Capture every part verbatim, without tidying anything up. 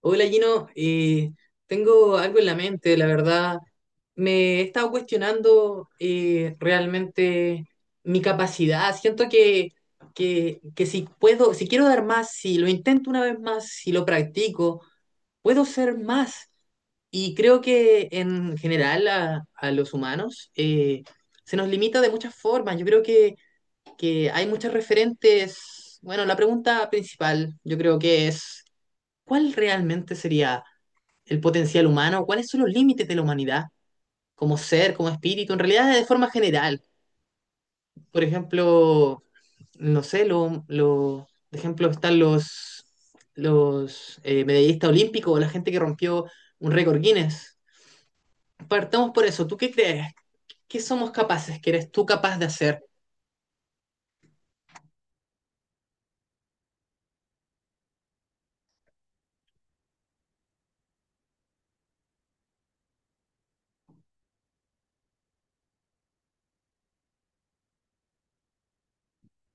Hola Gino, eh, tengo algo en la mente, la verdad. Me he estado cuestionando, eh, realmente mi capacidad. Siento que, que, que si puedo, si quiero dar más, si lo intento una vez más, si lo practico, puedo ser más. Y creo que en general a, a los humanos, eh, se nos limita de muchas formas. Yo creo que, que hay muchos referentes. Bueno, la pregunta principal yo creo que es: ¿cuál realmente sería el potencial humano? ¿Cuáles son los límites de la humanidad como ser, como espíritu, en realidad, de forma general? Por ejemplo, no sé, lo, lo, de ejemplo están los, los eh, medallistas olímpicos o la gente que rompió un récord Guinness. Partamos por eso. ¿Tú qué crees? ¿Qué somos capaces? ¿Qué eres tú capaz de hacer?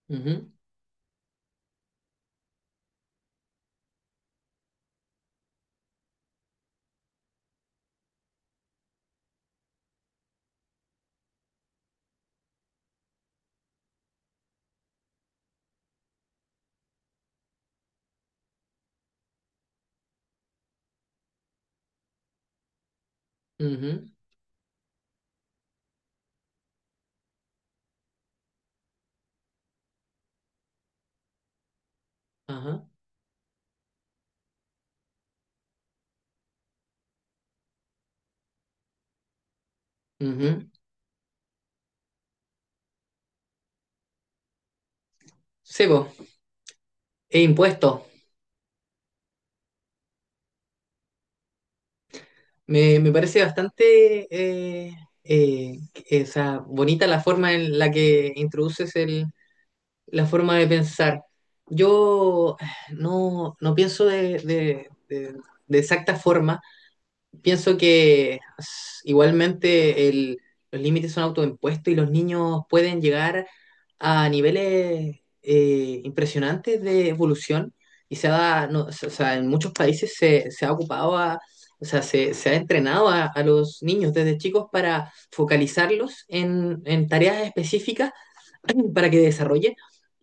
Ujú. Ujú. Ajá. Ujú. Sebo, e impuesto. Me, me parece bastante, eh, eh, esa, bonita la forma en la que introduces el, la forma de pensar. Yo, eh, no, no pienso de, de- de- de exacta forma, pienso que s- igualmente el- los límites son autoimpuestos y los niños pueden llegar a niveles eh, impresionantes de evolución, y se ha, no, o sea, en muchos países se, se ha ocupado a, o sea, se, se ha entrenado a, a los niños desde chicos para focalizarlos en, en tareas específicas para que desarrollen.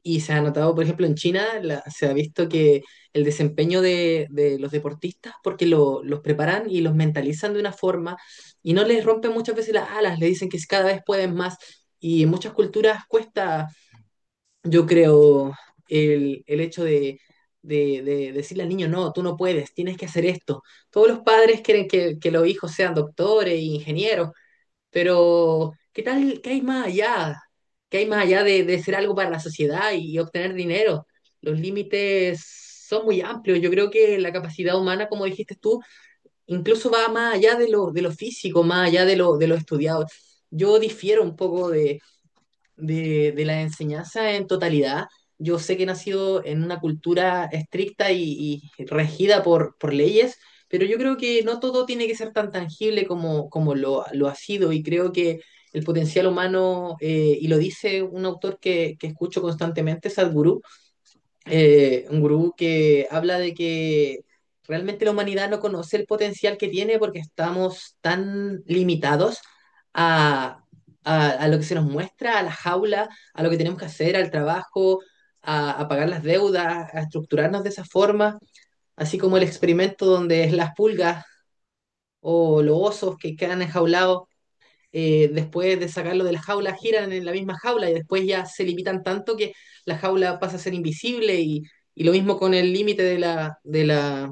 Y se ha notado, por ejemplo, en China, la- se ha visto que el desempeño de, de los deportistas, porque lo- los preparan y los mentalizan de una forma y no les rompen muchas veces las alas, le dicen que cada vez pueden más. Y en muchas culturas cuesta, yo creo, el, el hecho de, de- de decirle al niño: no, tú no puedes, tienes que hacer esto. Todos los padres quieren que, que los hijos sean doctores, ingenieros, pero ¿qué tal? ¿Qué hay más allá? ¿Qué hay más allá de, de ser algo para la sociedad y obtener dinero? Los límites son muy amplios. Yo creo que la capacidad humana, como dijiste tú, incluso va más allá de lo, de lo, físico, más allá de lo, de lo estudiado. Yo difiero un poco de, de, de la enseñanza en totalidad. Yo sé que he nacido en una cultura estricta y, y regida por, por leyes, pero yo creo que no todo tiene que ser tan tangible como, como lo, lo ha sido, y creo que el potencial humano, eh, y lo dice un autor que, que escucho constantemente, Sadhguru, eh, un gurú que habla de que realmente la humanidad no conoce el potencial que tiene porque estamos tan limitados a, a- a lo que se nos muestra, a la jaula, a lo que tenemos que hacer, al trabajo, a, a pagar las deudas, a estructurarnos de esa forma, así como el experimento donde las pulgas o los osos que quedan enjaulados, eh, después de sacarlo de la jaula, giran en la misma jaula y después ya se limitan tanto que la jaula pasa a ser invisible. Y, y lo mismo con el límite de la, de la,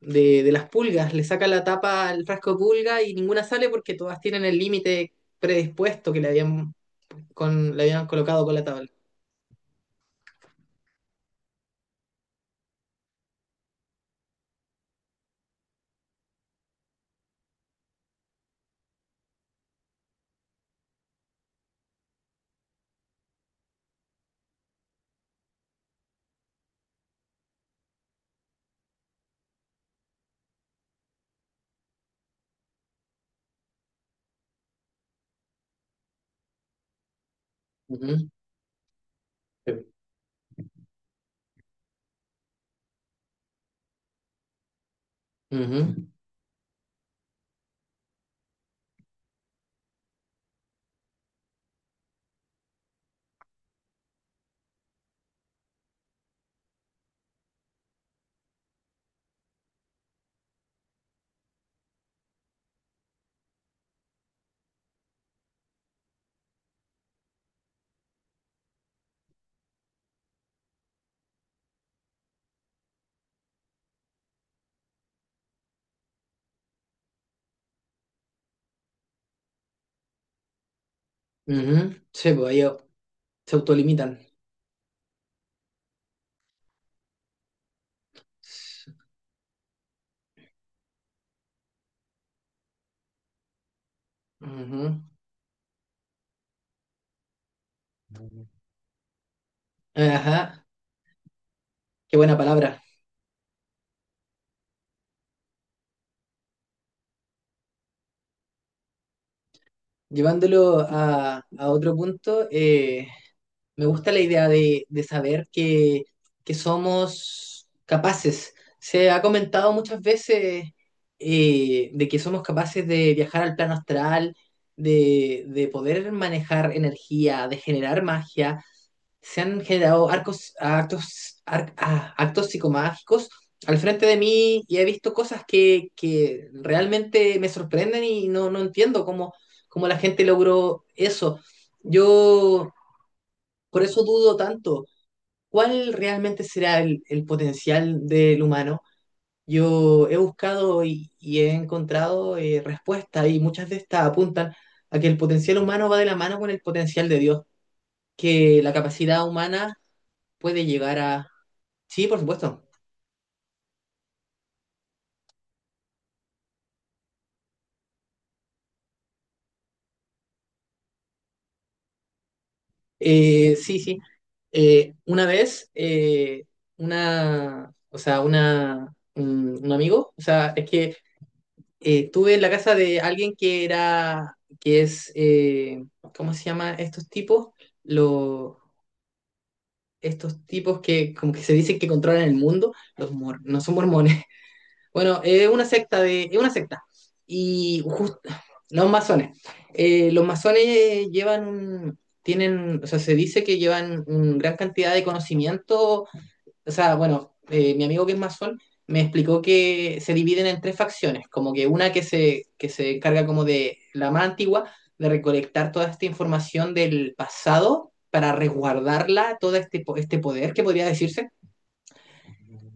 de, de, las pulgas: le saca la tapa al frasco de pulga y ninguna sale porque todas tienen el límite predispuesto que le habían, con, le habían colocado con la tabla. Uh -huh. Uh -huh. Uh -huh. Sí, pues ellos se autolimitan. Ujú. Ajá, qué buena palabra. Llevándolo a, a otro punto, eh, me gusta la idea de, de saber que, que somos capaces. Se ha comentado muchas veces, eh, de que somos capaces de viajar al plano astral, de, de poder manejar energía, de generar magia. Se han generado arcos, actos, ar- ah, actos psicomágicos al frente de mí y he visto cosas que, que realmente me sorprenden y no, no entiendo cómo, cómo la gente logró eso. Yo por eso dudo tanto. ¿Cuál realmente será el, el potencial del humano? Yo he buscado y, y he encontrado, eh, respuestas, y muchas de estas apuntan a que el potencial humano va de la mano con el potencial de Dios, que la capacidad humana puede llegar a. Sí, por supuesto. Eh, sí, sí. Eh, una vez, eh, una, o sea, una, un, un amigo, o sea, es que, eh, estuve en la casa de alguien que era, que es, eh, ¿cómo se llama estos tipos? Lo- Estos tipos que como que se dicen que controlan el mundo, los mor- no son mormones. Bueno, es una secta de, es una secta. Y jus- los masones. Eh, los masones llevan un, tienen, o sea, se dice que llevan una gran cantidad de conocimiento, o sea, bueno, eh, mi amigo que es masón me explicó que se dividen en tres facciones, como que una que se, que se encarga como de la más antigua, de recolectar toda esta información del pasado para resguardarla, todo este, po- este poder que podría decirse.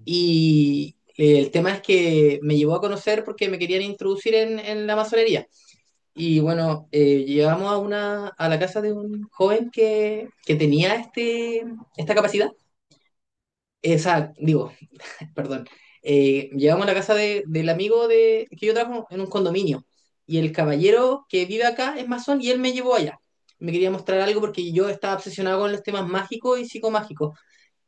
Y eh, el tema es que me llevó a conocer porque me querían introducir en, en la masonería. Y bueno, eh, llegamos a, una, a la casa de un joven que, que tenía este, esta capacidad, esa, digo, perdón, eh, llegamos a la casa de- del amigo de, que yo trabajo en un condominio. Y el caballero que vive acá es masón, y él me llevó allá. Me quería mostrar algo porque yo estaba obsesionado con los temas mágicos y psicomágicos.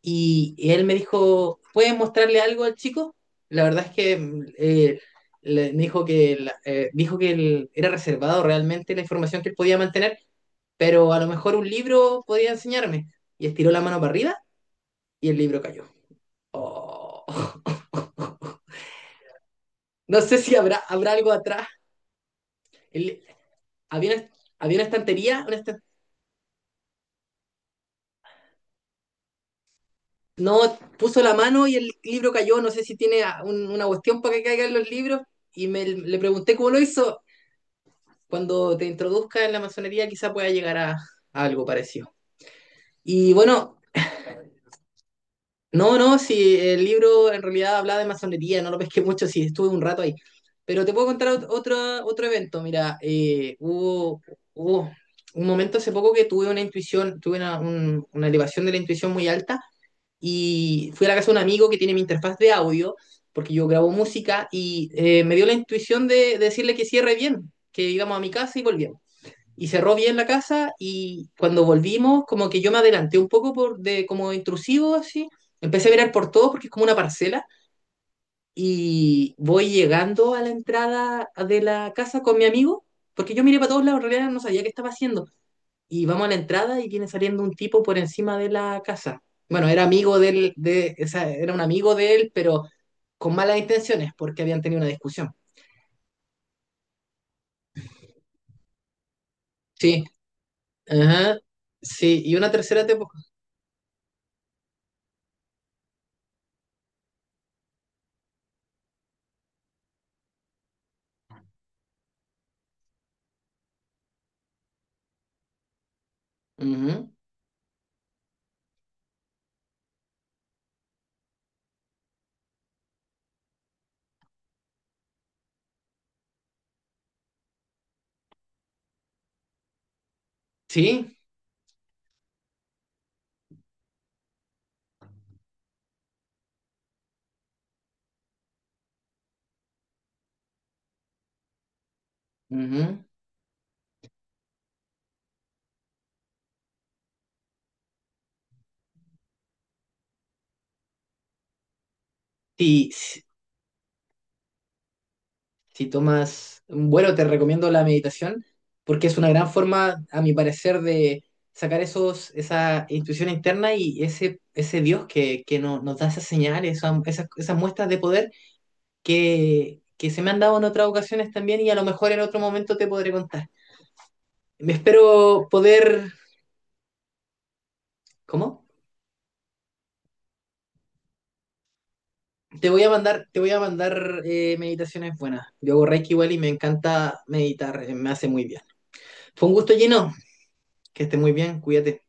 Y, y él me dijo: ¿puedes mostrarle algo al chico? La verdad es que, mm, eh, le- me dijo que, la- eh, dijo que él era reservado realmente la información que él podía mantener, pero a lo mejor un libro podía enseñarme. Y estiró la mano para arriba y el libro cayó. Oh. No sé si habrá, habrá algo atrás. El- había, una, Había una estantería, una estan- no, puso la mano y el libro cayó. No sé si tiene a- un- una cuestión para que caigan los libros. Y me, le pregunté cómo lo hizo. Cuando te introduzca en la masonería, quizá pueda llegar a, a algo parecido. Y bueno, no, no, sí, el libro en realidad hablaba de masonería, no lo pesqué mucho, sí, estuve un rato ahí. Pero te puedo contar ot- otro, otro evento, mira, eh, hubo, hubo un momento hace poco que tuve una intuición, tuve una, un- una elevación de la intuición muy alta, y fui a la casa de un amigo que tiene mi interfaz de audio, porque yo grabo música y, eh, me dio la intuición de, de decirle que cierre bien, que íbamos a mi casa y volvíamos, y cerró bien la casa. Y cuando volvimos, como que yo me adelanté un poco por de como intrusivo así, empecé a mirar por todo porque es como una parcela, y voy llegando a la entrada de la casa con mi amigo, porque yo miré para todos lados, en realidad no sabía qué estaba haciendo, y vamos a la entrada y viene saliendo un tipo por encima de la casa. Bueno, era amigo del de, o sea, era un amigo de él, pero con malas intenciones porque habían tenido una discusión. Sí, ajá, sí, y una tercera temporada. Sí, ajá. Si, si, si tomas un vuelo, te recomiendo la meditación porque es una gran forma, a mi parecer, de sacar esos, esa intuición interna y ese, ese Dios que, que no- nos da esas señales, esa- esas, esas muestras de poder que, que se me han dado en otras ocasiones también, y a lo mejor en otro momento te podré contar. Me espero poder. ¿Cómo? Te voy a mandar, te voy a mandar eh, meditaciones buenas. Yo hago Reiki igual y me encanta meditar, eh, me hace muy bien. Fue un gusto lleno, que esté muy bien, cuídate.